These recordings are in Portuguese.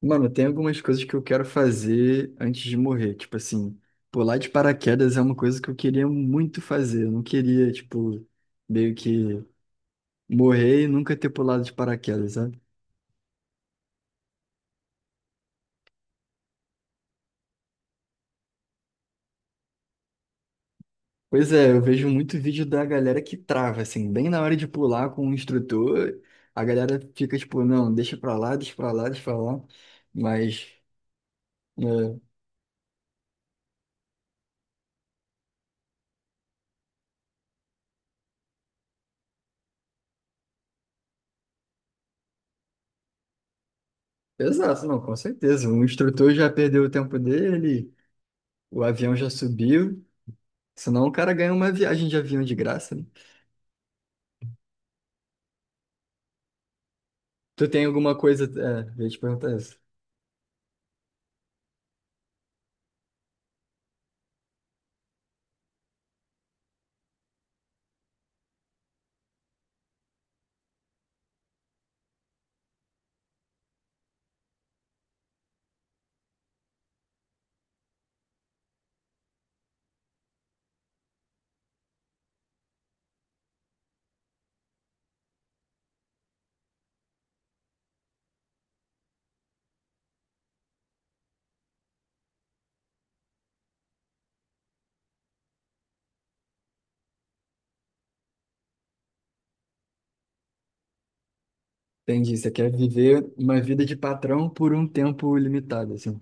Mano, tem algumas coisas que eu quero fazer antes de morrer. Tipo assim, pular de paraquedas é uma coisa que eu queria muito fazer. Eu não queria, tipo, meio que morrer e nunca ter pulado de paraquedas, sabe? Pois é, eu vejo muito vídeo da galera que trava, assim, bem na hora de pular com o instrutor, a galera fica tipo, não, deixa pra lá, deixa pra lá, deixa pra lá. Mas, é, exato, não, com certeza. O instrutor já perdeu o tempo dele, o avião já subiu. Senão o cara ganha uma viagem de avião de graça, né? Tu tem alguma coisa. É, eu ia te perguntar isso. Entendi. Você quer viver uma vida de patrão por um tempo limitado, assim.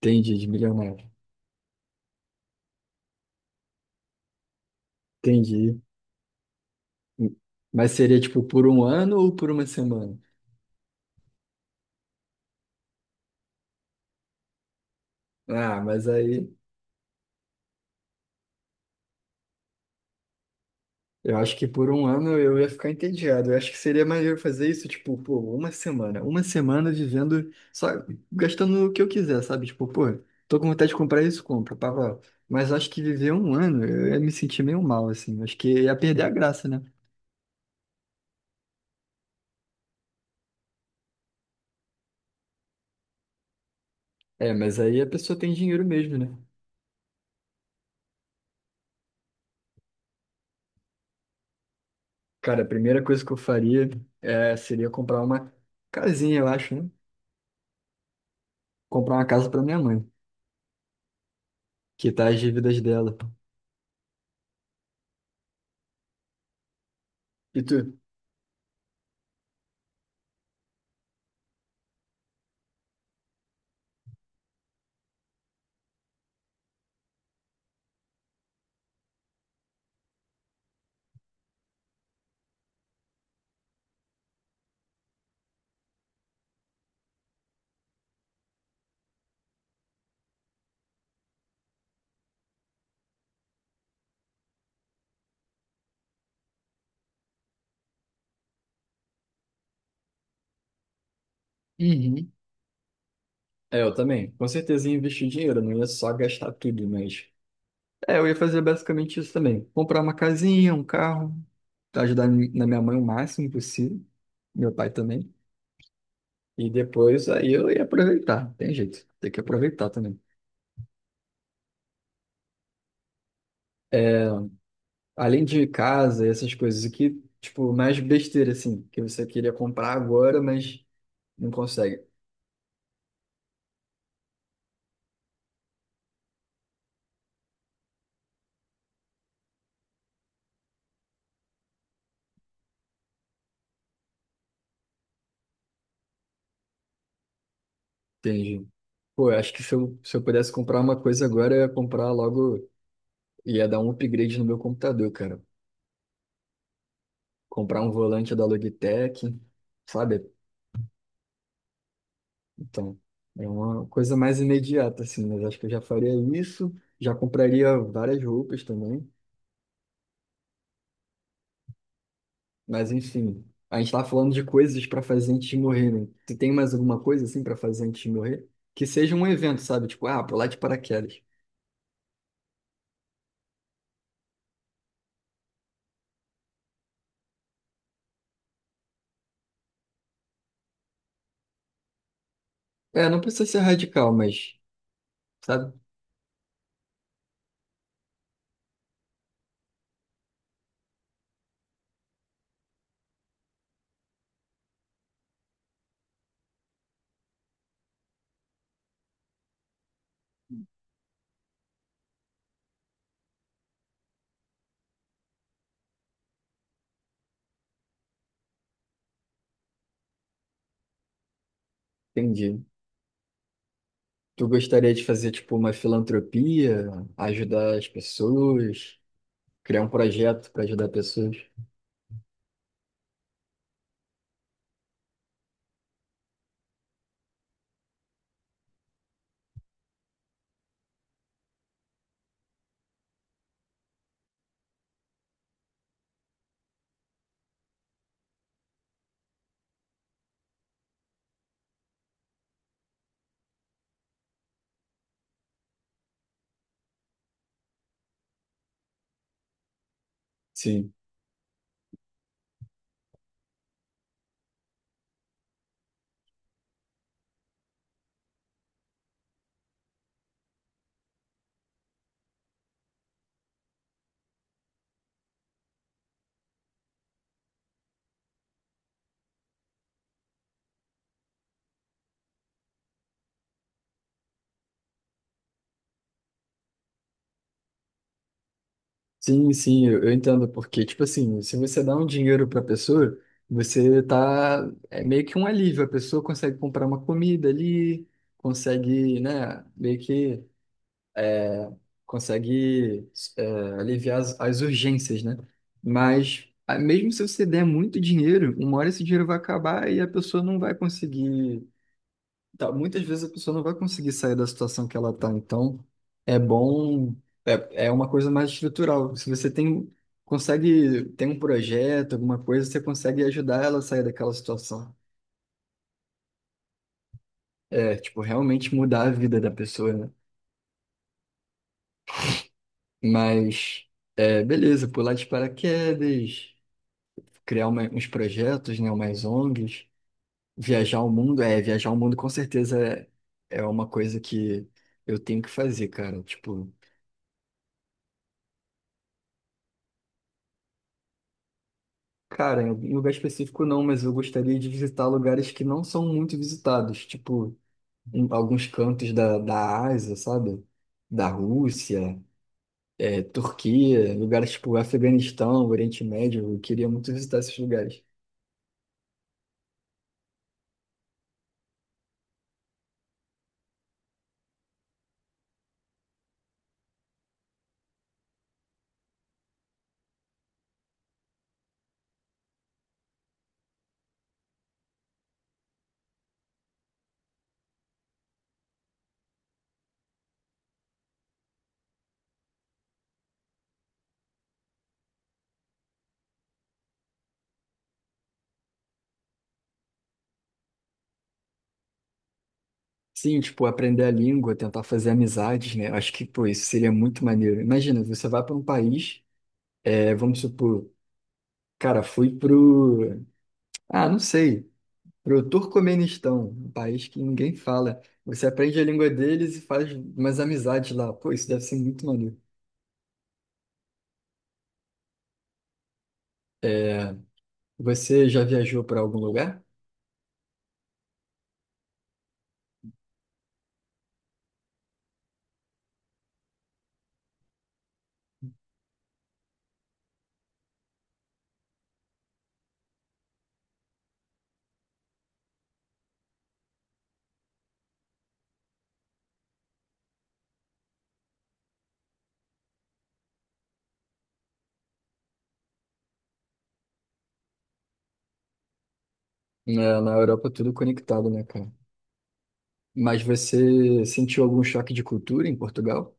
Entendi, de milionário. Entendi. Mas seria tipo por um ano ou por uma semana? Ah, mas aí. Eu acho que por um ano eu ia ficar entediado. Eu acho que seria maneiro fazer isso, tipo, pô, uma semana. Uma semana vivendo, só gastando o que eu quiser, sabe? Tipo, pô, tô com vontade de comprar isso, compra, pá, pá. Mas acho que viver um ano, eu ia me sentir meio mal, assim. Acho que ia perder a graça, né? É, mas aí a pessoa tem dinheiro mesmo, né? Cara, a primeira coisa que eu faria é, seria comprar uma casinha, eu acho, né? Comprar uma casa pra minha mãe, quitar as dívidas dela. E tu? Uhum. É, eu também. Com certeza ia investir dinheiro, não ia só gastar tudo, mas. É, eu ia fazer basicamente isso também. Comprar uma casinha, um carro, ajudar mi- na minha mãe o máximo possível, meu pai também. E depois aí eu ia aproveitar, tem jeito, tem que aproveitar também. Além de casa e essas coisas aqui, tipo, mais besteira assim, que você queria comprar agora, mas não consegue. Entendi. Pô, eu acho que se eu pudesse comprar uma coisa agora, eu ia comprar logo, ia dar um upgrade no meu computador, cara. Comprar um volante da Logitech, sabe? Então, é uma coisa mais imediata, assim, mas acho que eu já faria isso, já compraria várias roupas também, mas enfim, a gente tá falando de coisas para fazer antes de morrer, né? Tu tem mais alguma coisa, assim, para fazer antes de morrer? Que seja um evento, sabe? Tipo, ah, pular de paraquedas. É, não precisa ser radical, mas, sabe? Entendi. Tu gostaria de fazer, tipo, uma filantropia, ajudar as pessoas, criar um projeto para ajudar pessoas? Sim. Sim, sim, eu entendo, porque, tipo assim, se você dá um dinheiro para a pessoa, você tá, é meio que um alívio, a pessoa consegue comprar uma comida ali, consegue, né, meio que consegue é, aliviar as urgências, né? Mas, a- mesmo se você der muito dinheiro, uma hora esse dinheiro vai acabar e a pessoa não vai conseguir. Tá, muitas vezes a pessoa não vai conseguir sair da situação que ela está, então é bom, é, é uma coisa mais estrutural. Se você tem, consegue, tem um projeto, alguma coisa, você consegue ajudar ela a sair daquela situação. É, tipo, realmente mudar a vida da pessoa, né? Mas, é, beleza, pular de paraquedas, criar uma- uns projetos, né, umas ONGs, viajar o mundo, é, viajar o mundo com certeza é, é uma coisa que eu tenho que fazer, cara, tipo... Cara, em lugar específico não, mas eu gostaria de visitar lugares que não são muito visitados, tipo em alguns cantos da Ásia, sabe? Da Rússia, é, Turquia, lugares tipo Afeganistão, Oriente Médio, eu queria muito visitar esses lugares. Sim, tipo, aprender a língua, tentar fazer amizades, né? Acho que, pô, isso seria muito maneiro. Imagina, você vai para um país, é, vamos supor, cara, fui pro... Ah, não sei. Para o Turcomenistão, um país que ninguém fala. Você aprende a língua deles e faz umas amizades lá. Pô, isso deve ser muito maneiro. Você já viajou para algum lugar? Na, na Europa, tudo conectado, né, cara? Mas você sentiu algum choque de cultura em Portugal?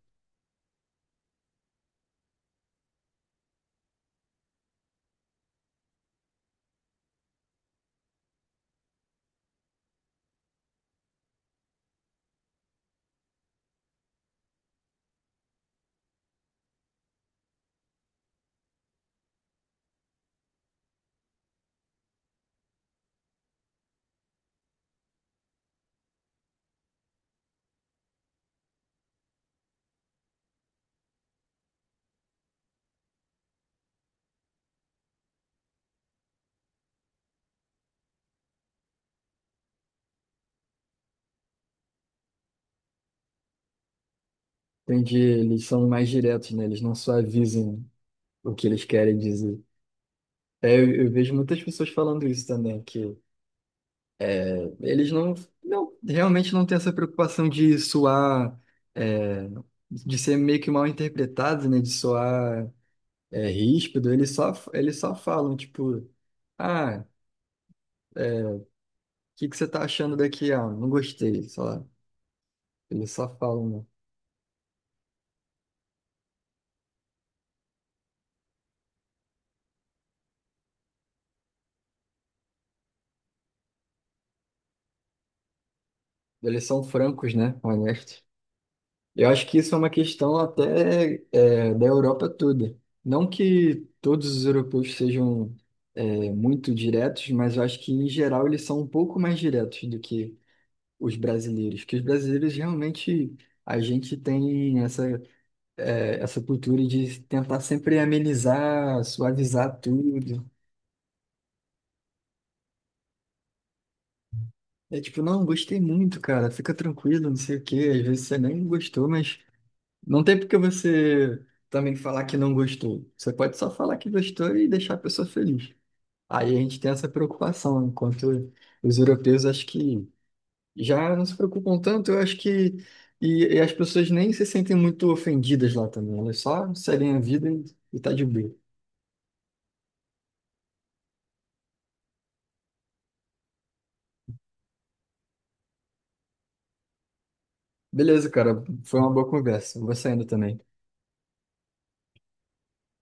Entende? Eles são mais diretos, né? Eles não só avisam o que eles querem dizer. É, eu vejo muitas pessoas falando isso também, que eles não, não- realmente não têm essa preocupação de soar, é, de ser meio que mal interpretado, né? De soar, é, ríspido. Eles só falam, tipo, ah, o que que você tá achando daqui? Ah, não gostei, sei lá. Eles só falam, né? Eles são francos, né? Honestos. Eu acho que isso é uma questão até, é, da Europa toda. Não que todos os europeus sejam, é, muito diretos, mas eu acho que, em geral, eles são um pouco mais diretos do que os brasileiros realmente a gente tem essa, é, essa cultura de tentar sempre amenizar, suavizar tudo. É tipo, não, gostei muito, cara, fica tranquilo, não sei o quê. Às vezes você nem gostou, mas não tem porque você também falar que não gostou. Você pode só falar que gostou e deixar a pessoa feliz. Aí a gente tem essa preocupação, enquanto os europeus acho que já não se preocupam tanto, eu acho que. E as pessoas nem se sentem muito ofendidas lá também. Elas só seguem a vida e tá de boa. Beleza, cara. Foi uma boa conversa. Eu vou saindo também.